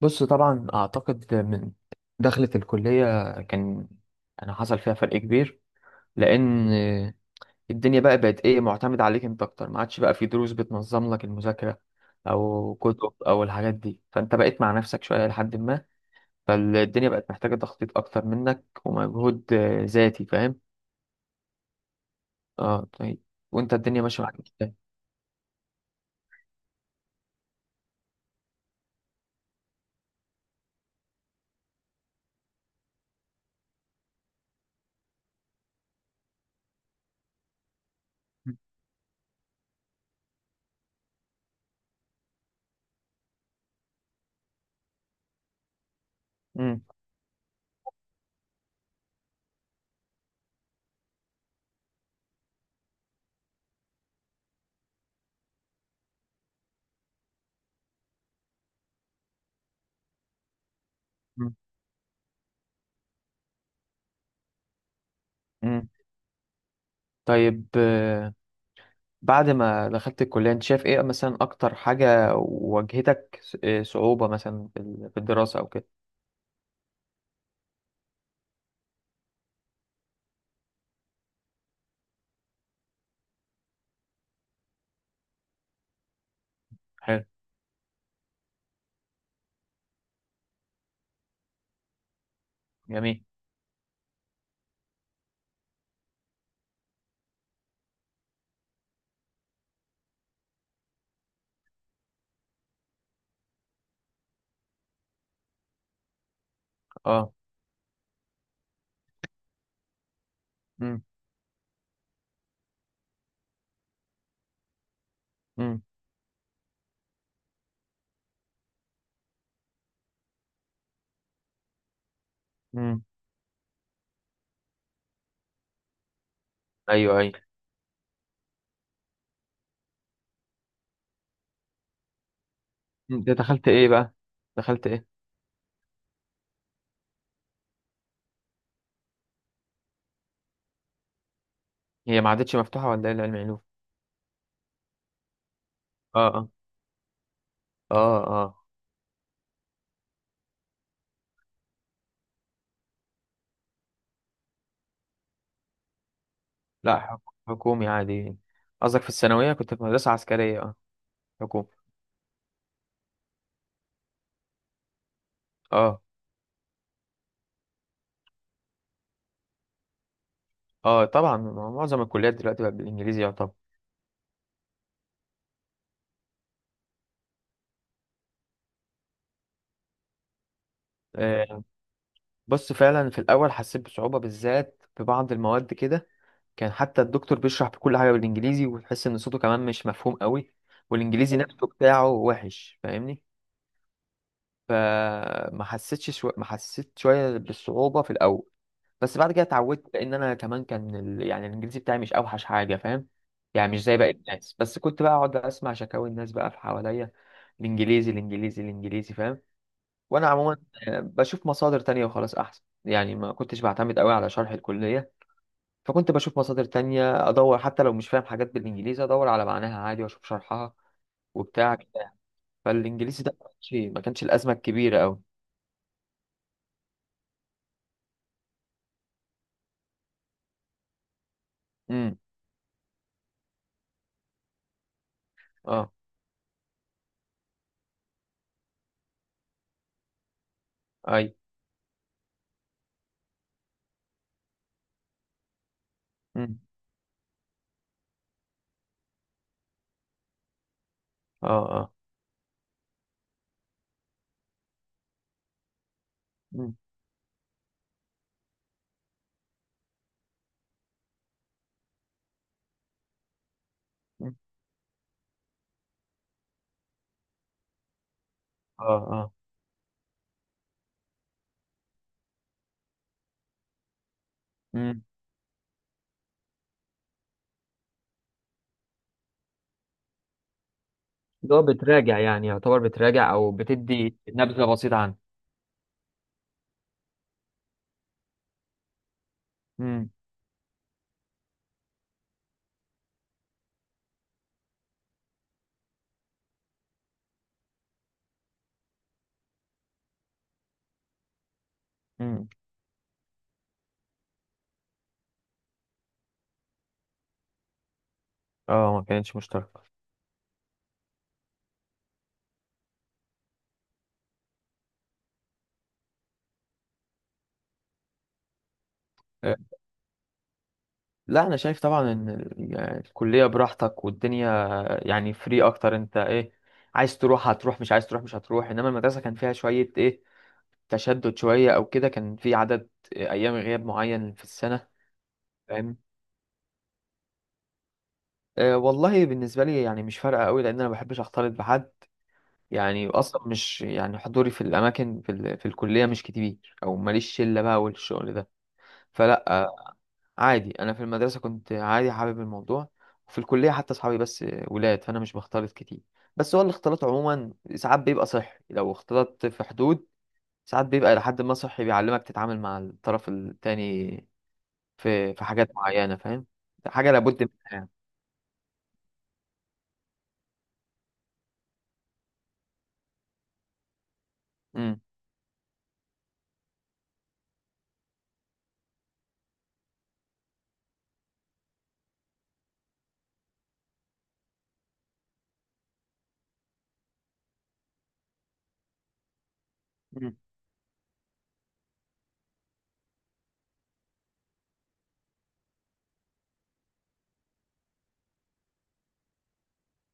بص طبعا اعتقد من دخلة الكلية انا حصل فيها فرق كبير، لان الدنيا بقى بقت ايه معتمد عليك انت اكتر، ما عادش بقى في دروس بتنظم لك المذاكرة او كتب او الحاجات دي. فانت بقيت مع نفسك شوية لحد ما، فالدنيا بقت محتاجة تخطيط اكتر منك ومجهود ذاتي، فاهم. اه، طيب. وانت الدنيا ماشية معاك ازاي؟ مم. مم. طيب، بعد ما دخلت الكلية انت شايف ايه مثلا اكتر حاجة واجهتك، ص- إيه صعوبة مثلا في في الدراسة او كده؟ حلو. جميل. اه. امم. امم. امم. ايوه، ايوه. انت دخلت ايه بقى؟ دخلت ايه؟ هي ما عادتش مفتوحة، ولا ايه، العلم علوم؟ اه. اه. اه. اه. لا، حكومي عادي. قصدك في الثانوية كنت في مدرسة عسكرية، اه، حكومي. اه. اه طبعا، معظم الكليات دلوقتي بقت بالانجليزي يعتبر. آه، بص، فعلا في الاول حسيت بصعوبة بالذات في بعض المواد كده. كان حتى الدكتور بيشرح بكل حاجة بالإنجليزي وتحس إن صوته كمان مش مفهوم قوي، والإنجليزي نفسه بتاعه وحش، فاهمني. ما حسيت شوية بالصعوبة في الأول، بس بعد كده اتعودت، لأن أنا كمان يعني الإنجليزي بتاعي مش أوحش حاجة، فاهم. يعني مش زي باقي الناس، بس كنت بقى أقعد أسمع شكاوي الناس بقى في حواليا: الإنجليزي، الإنجليزي، الإنجليزي، فاهم. وأنا عموما بشوف مصادر تانية وخلاص أحسن، يعني ما كنتش بعتمد قوي على شرح الكلية. فكنت بشوف مصادر تانية، أدور حتى لو مش فاهم حاجات بالإنجليزي، أدور على معناها عادي وأشوف شرحها وبتاع كده. فالإنجليزي ده ما كانش الأزمة الكبيرة أوي. أمم. أه. أي. أمم. أه. أه. مم. مم. أه. أه. أمم. اللي هو بتراجع يعني، يعتبر بتراجع او بتدي نبذة بسيطة عنه. أمم. أمم. أه، ما كانتش مشتركة. آه، لا، أنا شايف طبعا إن يعني الكلية براحتك، والدنيا يعني فري أكتر. أنت إيه، عايز تروح هتروح، مش عايز تروح مش هتروح. إنما المدرسة كان فيها شوية إيه، تشدد شوية أو كده. كان في عدد أيام غياب معين في السنة، فاهم. أه، والله بالنسبة لي يعني مش فارقة أوي، لأن أنا ما بحبش أختلط بحد. يعني أصلا مش يعني حضوري في الأماكن في الكلية مش كتير، أو ماليش شلة بقى والشغل ده. فلا، أه، عادي. أنا في المدرسة كنت عادي حابب الموضوع، وفي الكلية حتى أصحابي بس ولاد، فأنا مش بختلط كتير. بس هو الاختلاط عموما ساعات بيبقى صحي لو اختلطت في حدود، ساعات بيبقى لحد ما صحي، بيعلمك تتعامل مع الطرف التاني في حاجات معينة، فاهم. حاجة لابد منها يعني. امم. امم.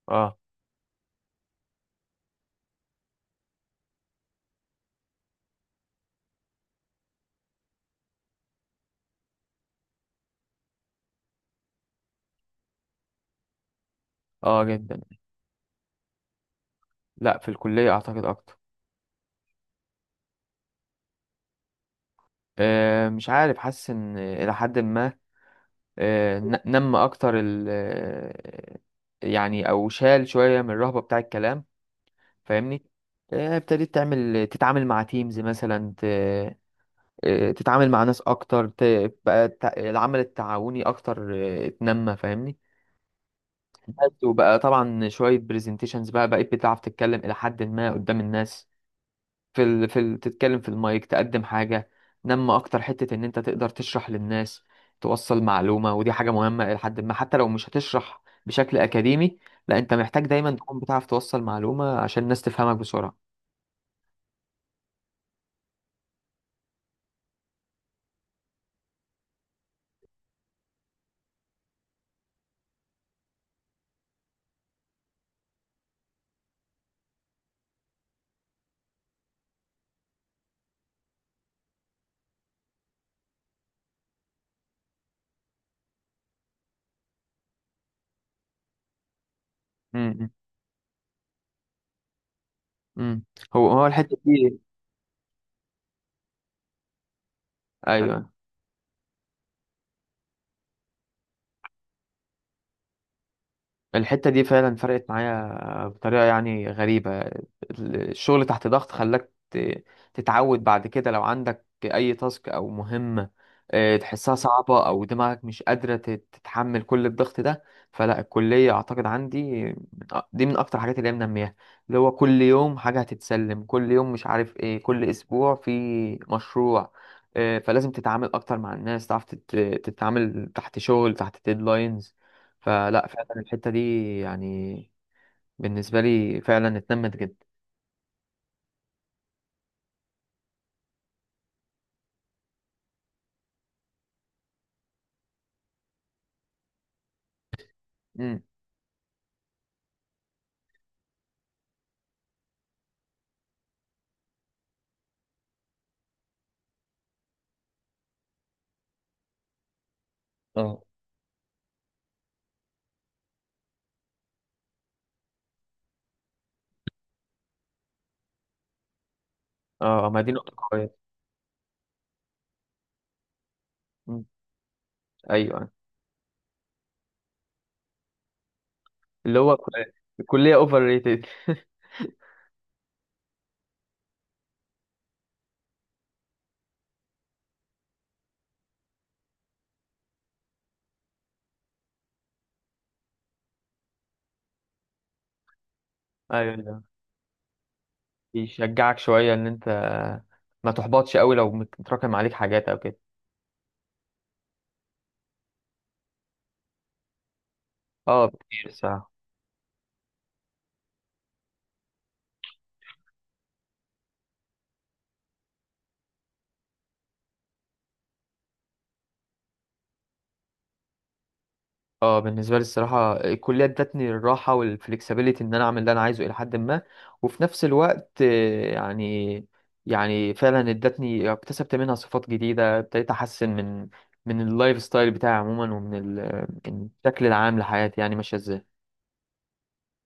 اه، اه جدا. لا، في الكلية اعتقد اكتر. مش عارف، حاسس ان الى حد ما، نم اكتر، ال آه، يعني او شال شوية من الرهبة بتاع الكلام، فاهمني. ابتديت تتعامل مع تيمز مثلا، تتعامل مع ناس اكتر، بقى العمل التعاوني اكتر اتنمى، فاهمني. بس. وبقى طبعا شوية برزنتيشنز، بقى بقيت بتعرف تتكلم إلى حد ما قدام الناس، تتكلم في المايك، تقدم حاجة. نما أكتر حتة إن أنت تقدر تشرح للناس، توصل معلومة. ودي حاجة مهمة إلى حد ما، حتى لو مش هتشرح بشكل أكاديمي، لا أنت محتاج دايما تكون بتعرف توصل معلومة عشان الناس تفهمك بسرعة. امم. امم. هو هو الحتة دي. أيوه. الحتة دي فعلا فرقت معايا بطريقة يعني غريبة. الشغل تحت ضغط خلاك تتعود بعد كده لو عندك أي تاسك أو مهمة تحسها صعبة، أو دماغك مش قادرة تتحمل كل الضغط ده. فلا، الكلية أعتقد عندي من دي من أكتر الحاجات اللي هي منمياها. اللي هو كل يوم حاجة هتتسلم، كل يوم مش عارف إيه، كل أسبوع في مشروع. فلازم تتعامل أكتر مع الناس، تعرف تتعامل تحت شغل تحت ديدلاينز. فلا فعلا الحتة دي يعني بالنسبة لي فعلا اتنمت جدا. امم. اه. اه، ما دي نقطة قوية. امم. ايوه. اللي هو الكلية اوفر ريتد ايوه، أيوة. بيشجعك شوية ان انت ما تحبطش قوي لو متراكم عليك حاجات او كده. اه، بكتير الصراحة. اه، بالنسبه لي الصراحه الكليه ادتني الراحه والفلكسبيليتي ان انا اعمل اللي انا عايزه الى حد ما. وفي نفس الوقت يعني، يعني فعلا ادتني، اكتسبت منها صفات جديده، ابتديت احسن من، من اللايف ستايل بتاعي عموما، ومن من الشكل العام لحياتي يعني ماشيه ازاي